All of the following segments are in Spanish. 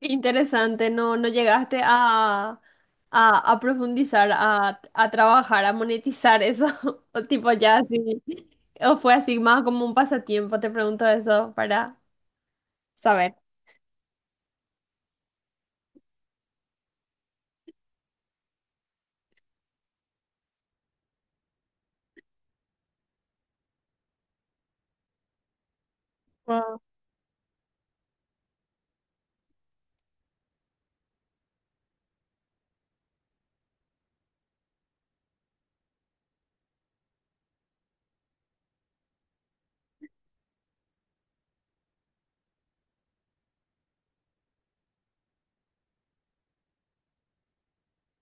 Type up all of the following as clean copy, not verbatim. Interesante, no, no llegaste a profundizar, a trabajar, a monetizar eso, o tipo ya así, o fue así más como un pasatiempo. Te pregunto eso para saber. Wow.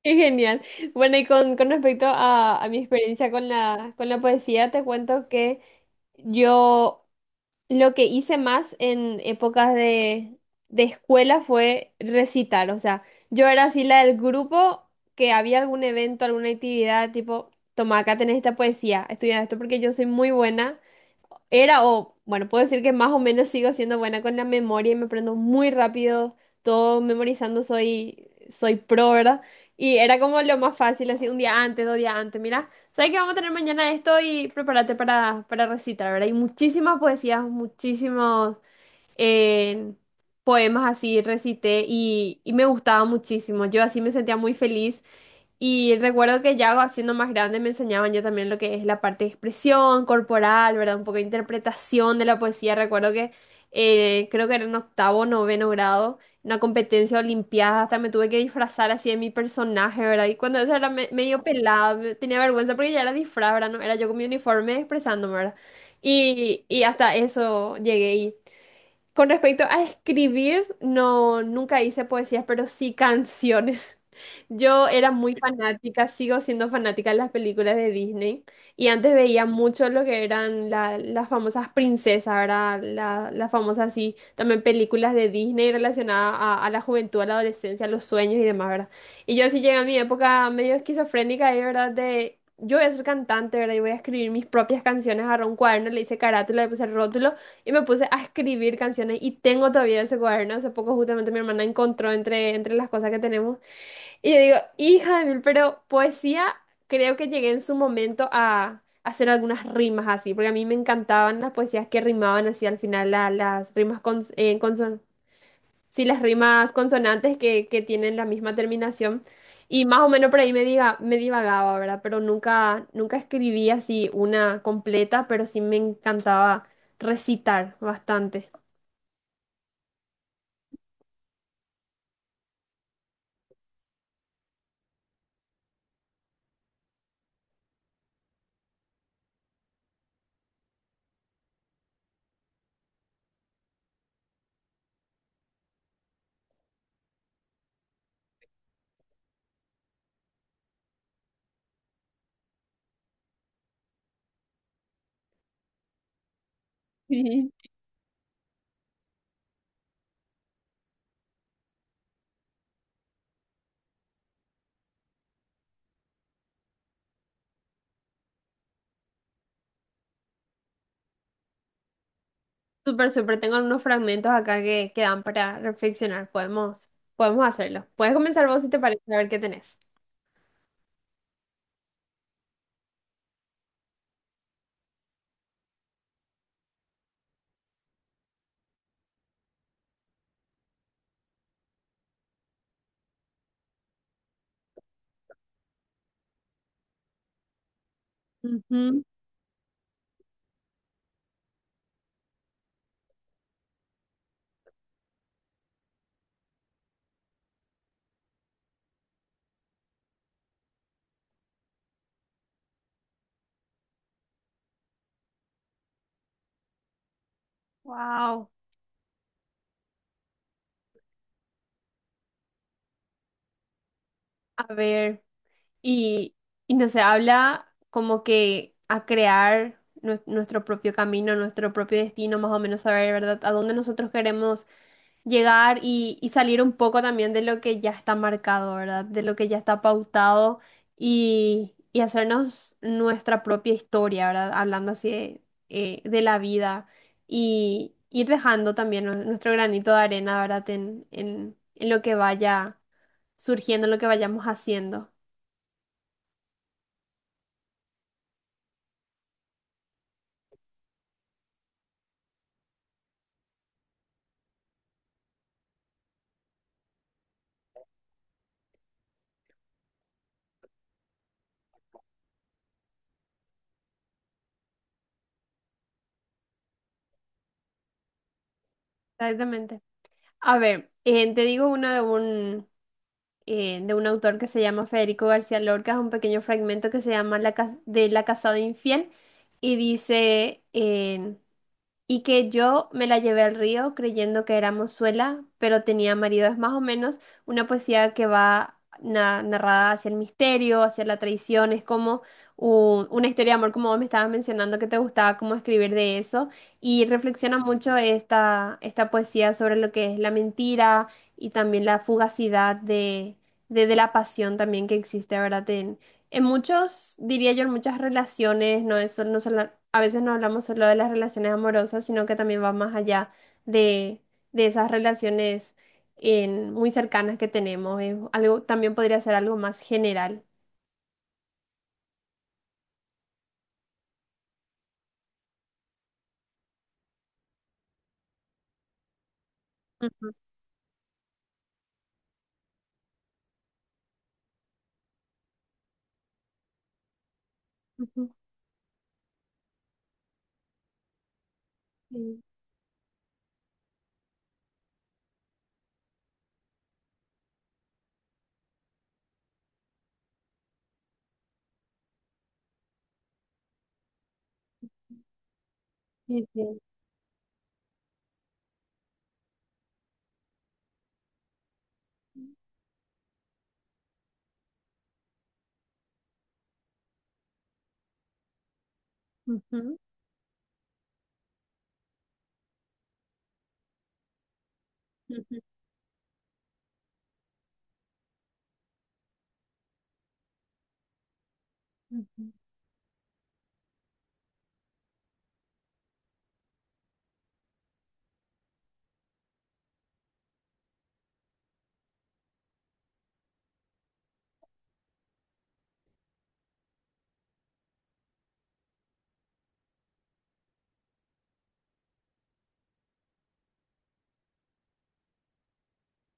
Qué genial. Bueno, y con respecto a mi experiencia con la poesía, te cuento que yo... Lo que hice más en épocas de escuela fue recitar. O sea, yo era así la del grupo que había algún evento, alguna actividad, tipo, toma, acá tenés esta poesía, estudia esto porque yo soy muy buena era, o bueno, puedo decir que más o menos sigo siendo buena con la memoria y me aprendo muy rápido, todo memorizando, soy pro, ¿verdad? Y era como lo más fácil, así un día antes, dos días antes, mira, ¿sabes qué vamos a tener mañana esto? Y prepárate para recitar, ¿verdad? Hay muchísimas poesías, muchísimos eh, poemas así recité y me gustaba muchísimo, yo así me sentía muy feliz. Y recuerdo que ya siendo más grande me enseñaban ya también lo que es la parte de expresión corporal, ¿verdad? Un poco de interpretación de la poesía. Recuerdo que creo que era en octavo, noveno grado, una competencia olimpiada, hasta me tuve que disfrazar así de mi personaje, ¿verdad? Y cuando eso era medio pelada, tenía vergüenza porque ya era disfraz, ¿verdad? No, era yo con mi uniforme expresándome, ¿verdad? Y hasta eso llegué. Con respecto a escribir, no, nunca hice poesías, pero sí canciones. Yo era muy fanática, sigo siendo fanática de las películas de Disney, y antes veía mucho lo que eran las famosas princesas, ¿verdad? Las famosas, así, también películas de Disney relacionadas a la juventud, a la adolescencia, a los sueños y demás, ¿verdad? Y yo sí llegué a mi época medio esquizofrénica ahí, ¿verdad? De yo voy a ser cantante, ¿verdad? Y voy a escribir mis propias canciones, agarré un cuaderno, le hice carátula, le puse rótulo. Y me puse a escribir canciones y tengo todavía ese cuaderno. Hace poco justamente mi hermana encontró entre las cosas que tenemos. Y yo digo, hija de mil, pero poesía creo que llegué en su momento a hacer algunas rimas así, porque a mí me encantaban las poesías que rimaban así al final, las rimas con, sí, las rimas consonantes que tienen la misma terminación. Y más o menos por ahí me diga, me divagaba, ¿verdad? Pero nunca, nunca escribí así una completa, pero sí me encantaba recitar bastante. Sí. Súper, súper. Tengo unos fragmentos acá que dan para reflexionar. Podemos, podemos hacerlo. Puedes comenzar vos si te parece, a ver qué tenés. Ujú. Wow. A ver, y, y no se habla como que a crear nuestro propio camino, nuestro propio destino, más o menos saber, ¿verdad? A dónde nosotros queremos llegar y salir un poco también de lo que ya está marcado, ¿verdad? De lo que ya está pautado y hacernos nuestra propia historia, ¿verdad? Hablando así de la vida y ir dejando también nuestro granito de arena, ¿verdad? En lo que vaya surgiendo, en lo que vayamos haciendo. Exactamente. A ver, te digo una de un autor que se llama Federico García Lorca, es un pequeño fragmento que se llama la, de La casada infiel y dice, y que yo me la llevé al río creyendo que era mozuela, pero tenía marido. Es más o menos una poesía que va narrada hacia el misterio, hacia la traición, es como una historia de amor, como vos me estabas mencionando que te gustaba cómo escribir de eso, y reflexiona mucho esta, esta poesía sobre lo que es la mentira y también la fugacidad de la pasión también que existe, ¿verdad? En muchos, diría yo, en muchas relaciones, no es solo, no solo, a veces no hablamos solo de las relaciones amorosas, sino que también va más allá de, de esas relaciones muy cercanas que tenemos. Es algo, también podría ser algo más general. Ujú, ujú, sí, sí, sí. Ujú, ujú, ujú,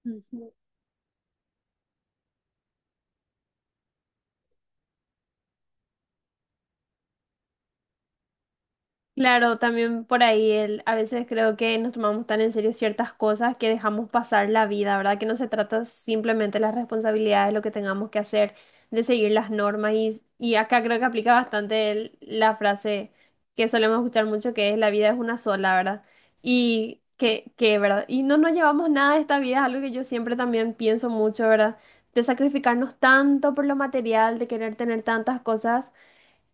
ujú. Claro, también por ahí el, a veces creo que nos tomamos tan en serio ciertas cosas que dejamos pasar la vida, ¿verdad? Que no se trata simplemente de las responsabilidades, lo que tengamos que hacer, de seguir las normas y acá creo que aplica bastante la frase que solemos escuchar mucho que es la vida es una sola, ¿verdad? Y que, ¿verdad? Y no nos llevamos nada de esta vida, es algo que yo siempre también pienso mucho, ¿verdad? De sacrificarnos tanto por lo material, de querer tener tantas cosas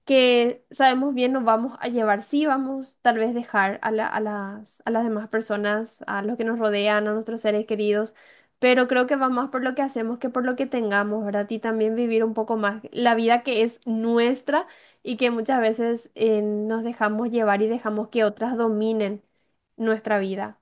que sabemos bien nos vamos a llevar, sí vamos tal vez dejar a a las demás personas, a los que nos rodean, a nuestros seres queridos, pero creo que va más por lo que hacemos que por lo que tengamos, ¿verdad? Y también vivir un poco más la vida que es nuestra y que muchas veces nos dejamos llevar y dejamos que otras dominen nuestra vida.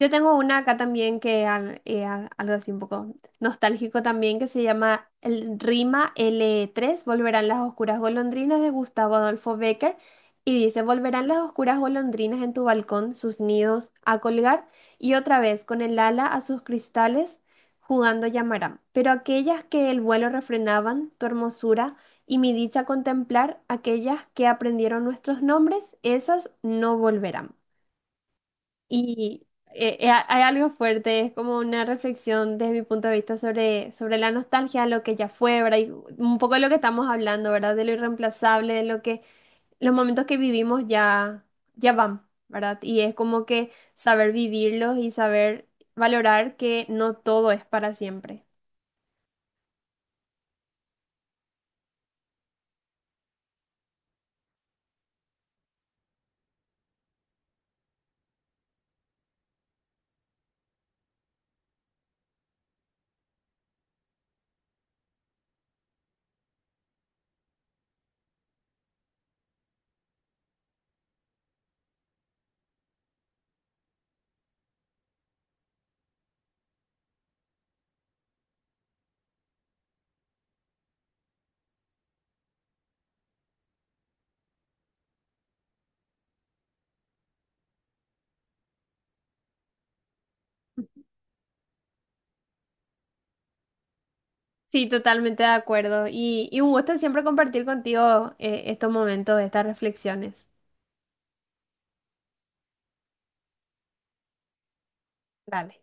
Yo tengo una acá también que algo así un poco nostálgico también que se llama el Rima L3, Volverán las oscuras golondrinas de Gustavo Adolfo Bécquer y dice, Volverán las oscuras golondrinas en tu balcón, sus nidos a colgar y otra vez con el ala a sus cristales jugando llamarán. Pero aquellas que el vuelo refrenaban, tu hermosura y mi dicha contemplar, aquellas que aprendieron nuestros nombres, esas no volverán. Y hay algo fuerte, es como una reflexión desde mi punto de vista sobre, sobre la nostalgia, lo que ya fue, ¿verdad? Y un poco de lo que estamos hablando, ¿verdad? De lo irreemplazable, de lo que los momentos que vivimos ya, ya van, ¿verdad? Y es como que saber vivirlos y saber valorar que no todo es para siempre. Sí, totalmente de acuerdo. Y un gusto siempre compartir contigo estos momentos, estas reflexiones. Dale.